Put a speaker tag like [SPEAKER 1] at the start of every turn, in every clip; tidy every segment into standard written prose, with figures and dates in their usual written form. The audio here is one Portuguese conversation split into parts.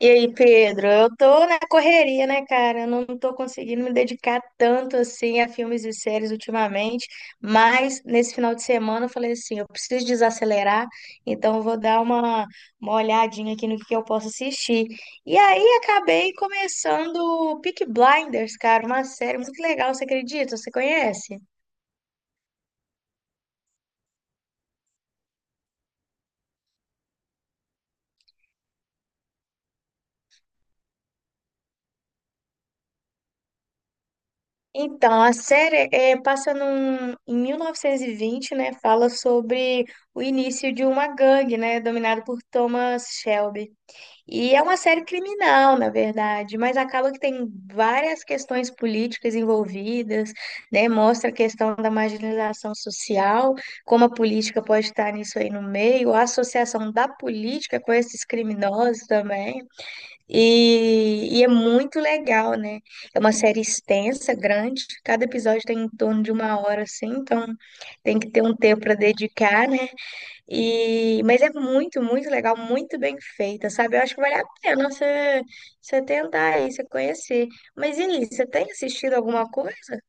[SPEAKER 1] E aí, Pedro, eu tô na correria, né, cara? Eu não tô conseguindo me dedicar tanto assim a filmes e séries ultimamente, mas nesse final de semana eu falei assim, eu preciso desacelerar, então eu vou dar uma olhadinha aqui no que eu posso assistir. E aí acabei começando Peaky Blinders, cara, uma série muito legal, você acredita? Você conhece? Então, a série é, passa em 1920, né? Fala sobre o início de uma gangue, né? Dominado por Thomas Shelby. E é uma série criminal, na verdade, mas acaba que tem várias questões políticas envolvidas, né? Mostra a questão da marginalização social, como a política pode estar nisso aí no meio, a associação da política com esses criminosos também. E é muito legal, né? É uma série extensa, grande. Cada episódio tem em torno de uma hora, assim, então tem que ter um tempo para dedicar, né? E, mas é muito, muito legal, muito bem feita, sabe? Eu acho que vale a pena você tentar aí, você conhecer. Mas, Eli, você tem assistido alguma coisa?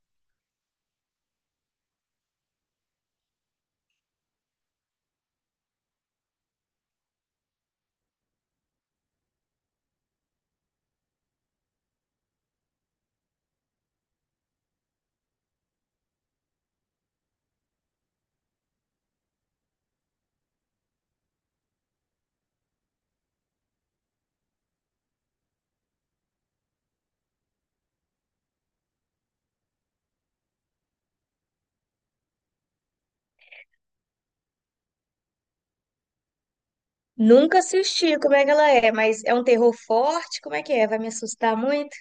[SPEAKER 1] Nunca assisti, como é que ela é? Mas é um terror forte? Como é que é? Vai me assustar muito?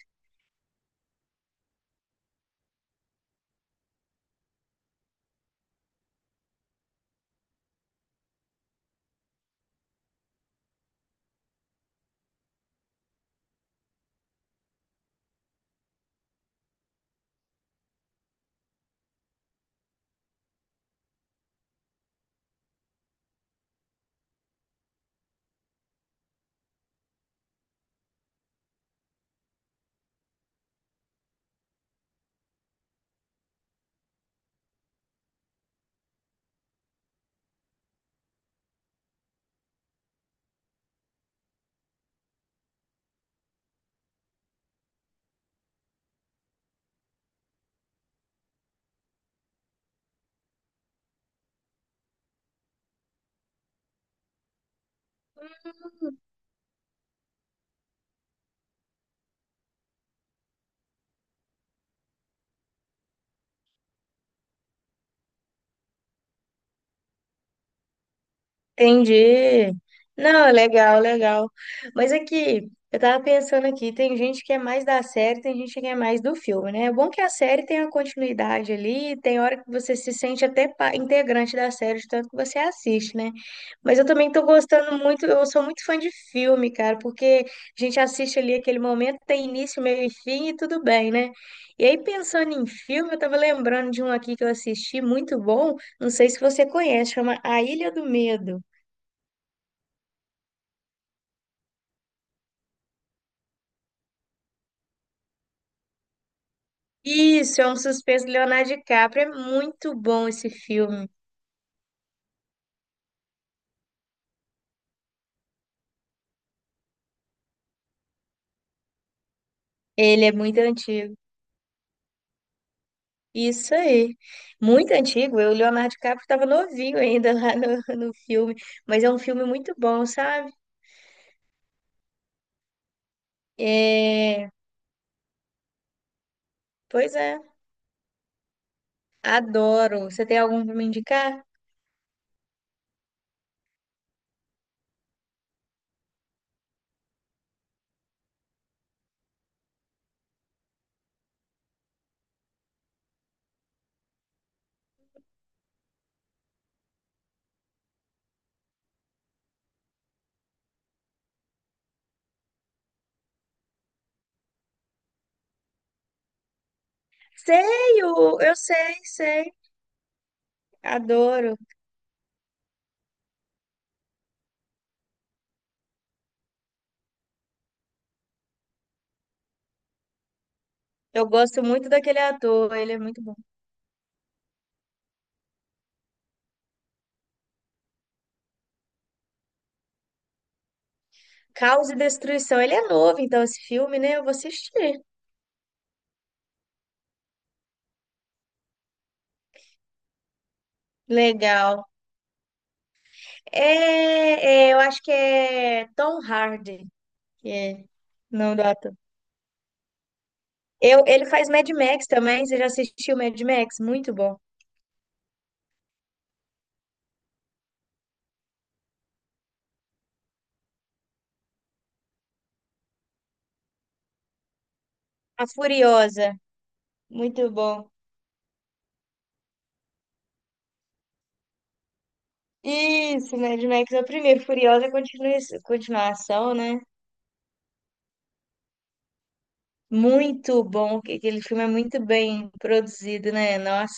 [SPEAKER 1] Entendi. Não, legal, legal. Mas aqui, eu tava pensando aqui, tem gente que é mais da série, tem gente que é mais do filme, né? É bom que a série tem a continuidade ali, tem hora que você se sente até integrante da série, de tanto que você assiste, né? Mas eu também tô gostando muito, eu sou muito fã de filme, cara, porque a gente assiste ali aquele momento, tem início, meio e fim e tudo bem, né? E aí, pensando em filme, eu tava lembrando de um aqui que eu assisti, muito bom, não sei se você conhece, chama A Ilha do Medo. Isso, é um suspense do Leonardo DiCaprio. É muito bom esse filme. Ele é muito antigo. Isso aí. Muito antigo. Eu, o Leonardo DiCaprio estava novinho ainda lá no filme. Mas é um filme muito bom, sabe? É... Pois é. Adoro. Você tem algum para me indicar? Sei, eu sei, sei. Adoro. Eu gosto muito daquele ator. Ele é muito bom. Caos e Destruição. Ele é novo, então, esse filme, né? Eu vou assistir. Legal. É, é, eu acho que é Tom Hardy, que é o nome do ator. Eu, ele faz Mad Max também. Você já assistiu Mad Max? Muito bom. A Furiosa, muito bom. Isso, Mad Max é o primeiro. Furiosa é continuação, né? Muito bom. Aquele filme é muito bem produzido, né? Nossa,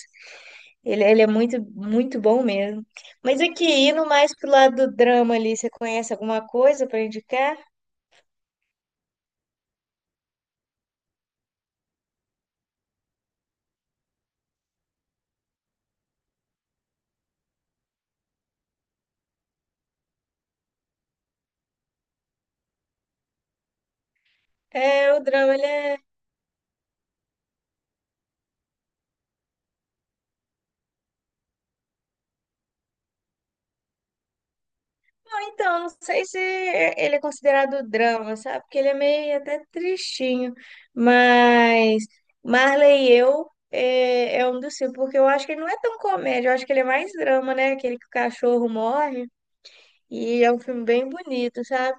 [SPEAKER 1] ele é muito, muito bom mesmo. Mas aqui, indo mais pro lado do drama ali, você conhece alguma coisa para indicar? É, o drama, ele é. Então, não sei se ele é considerado drama, sabe? Porque ele é meio até tristinho. Mas Marley e Eu é, é um dos filmes, porque eu acho que ele não é tão comédia, eu acho que ele é mais drama, né? Aquele que o cachorro morre. E é um filme bem bonito, sabe?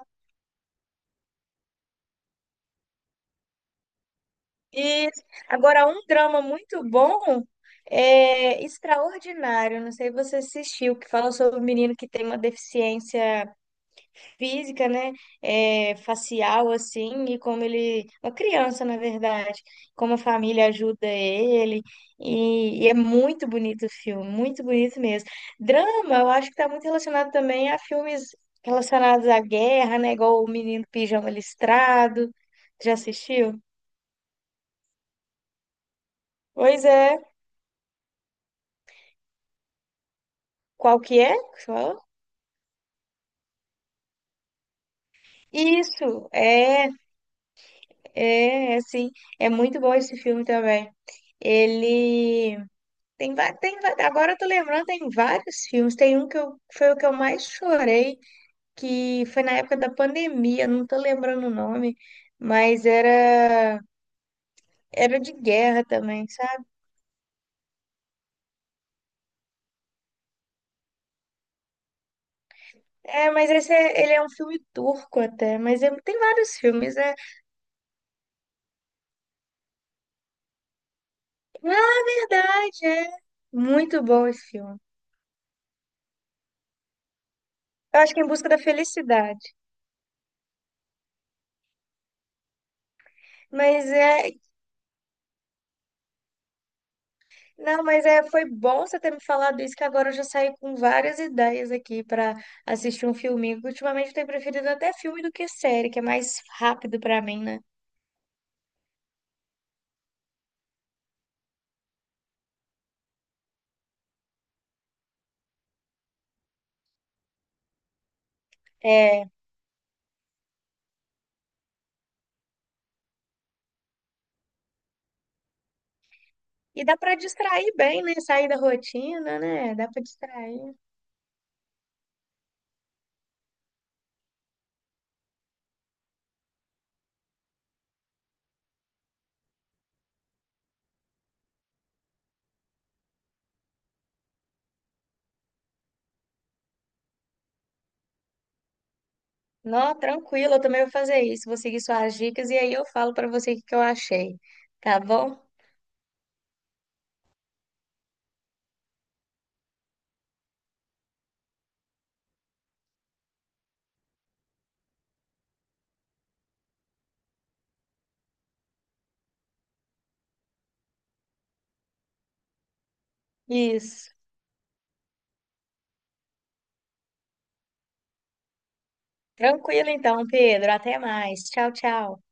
[SPEAKER 1] E agora, um drama muito bom é Extraordinário. Não sei se você assistiu, que fala sobre um menino que tem uma deficiência física, né, é, facial, assim, e como ele, uma criança, na verdade, como a família ajuda ele, e é muito bonito o filme, muito bonito mesmo. Drama, eu acho que está muito relacionado também a filmes relacionados à guerra, né, igual O Menino Pijama Listrado, já assistiu? Pois é, qual que é? Que você falou? Isso, é, é, é, sim, é muito bom esse filme também. Ele tem, tem, agora eu tô lembrando, tem vários filmes. Tem um que eu, foi o que eu mais chorei, que foi na época da pandemia, não tô lembrando o nome, mas era, era de guerra também, sabe? É, mas esse é, ele é um filme turco até, tem vários filmes, é. Na verdade, é muito bom esse filme. Eu acho que é Em Busca da Felicidade. Mas é, não, mas é, foi bom você ter me falado isso, que agora eu já saí com várias ideias aqui para assistir um filminho. Que Ultimamente eu tenho preferido até filme do que série, que é mais rápido para mim, né? É, e dá para distrair bem, né? Sair da rotina, né? Dá para distrair. Não, tranquilo, eu também vou fazer isso. Vou seguir suas dicas e aí eu falo para você o que que eu achei, tá bom? Isso. Tranquilo então, Pedro. Até mais. Tchau, tchau.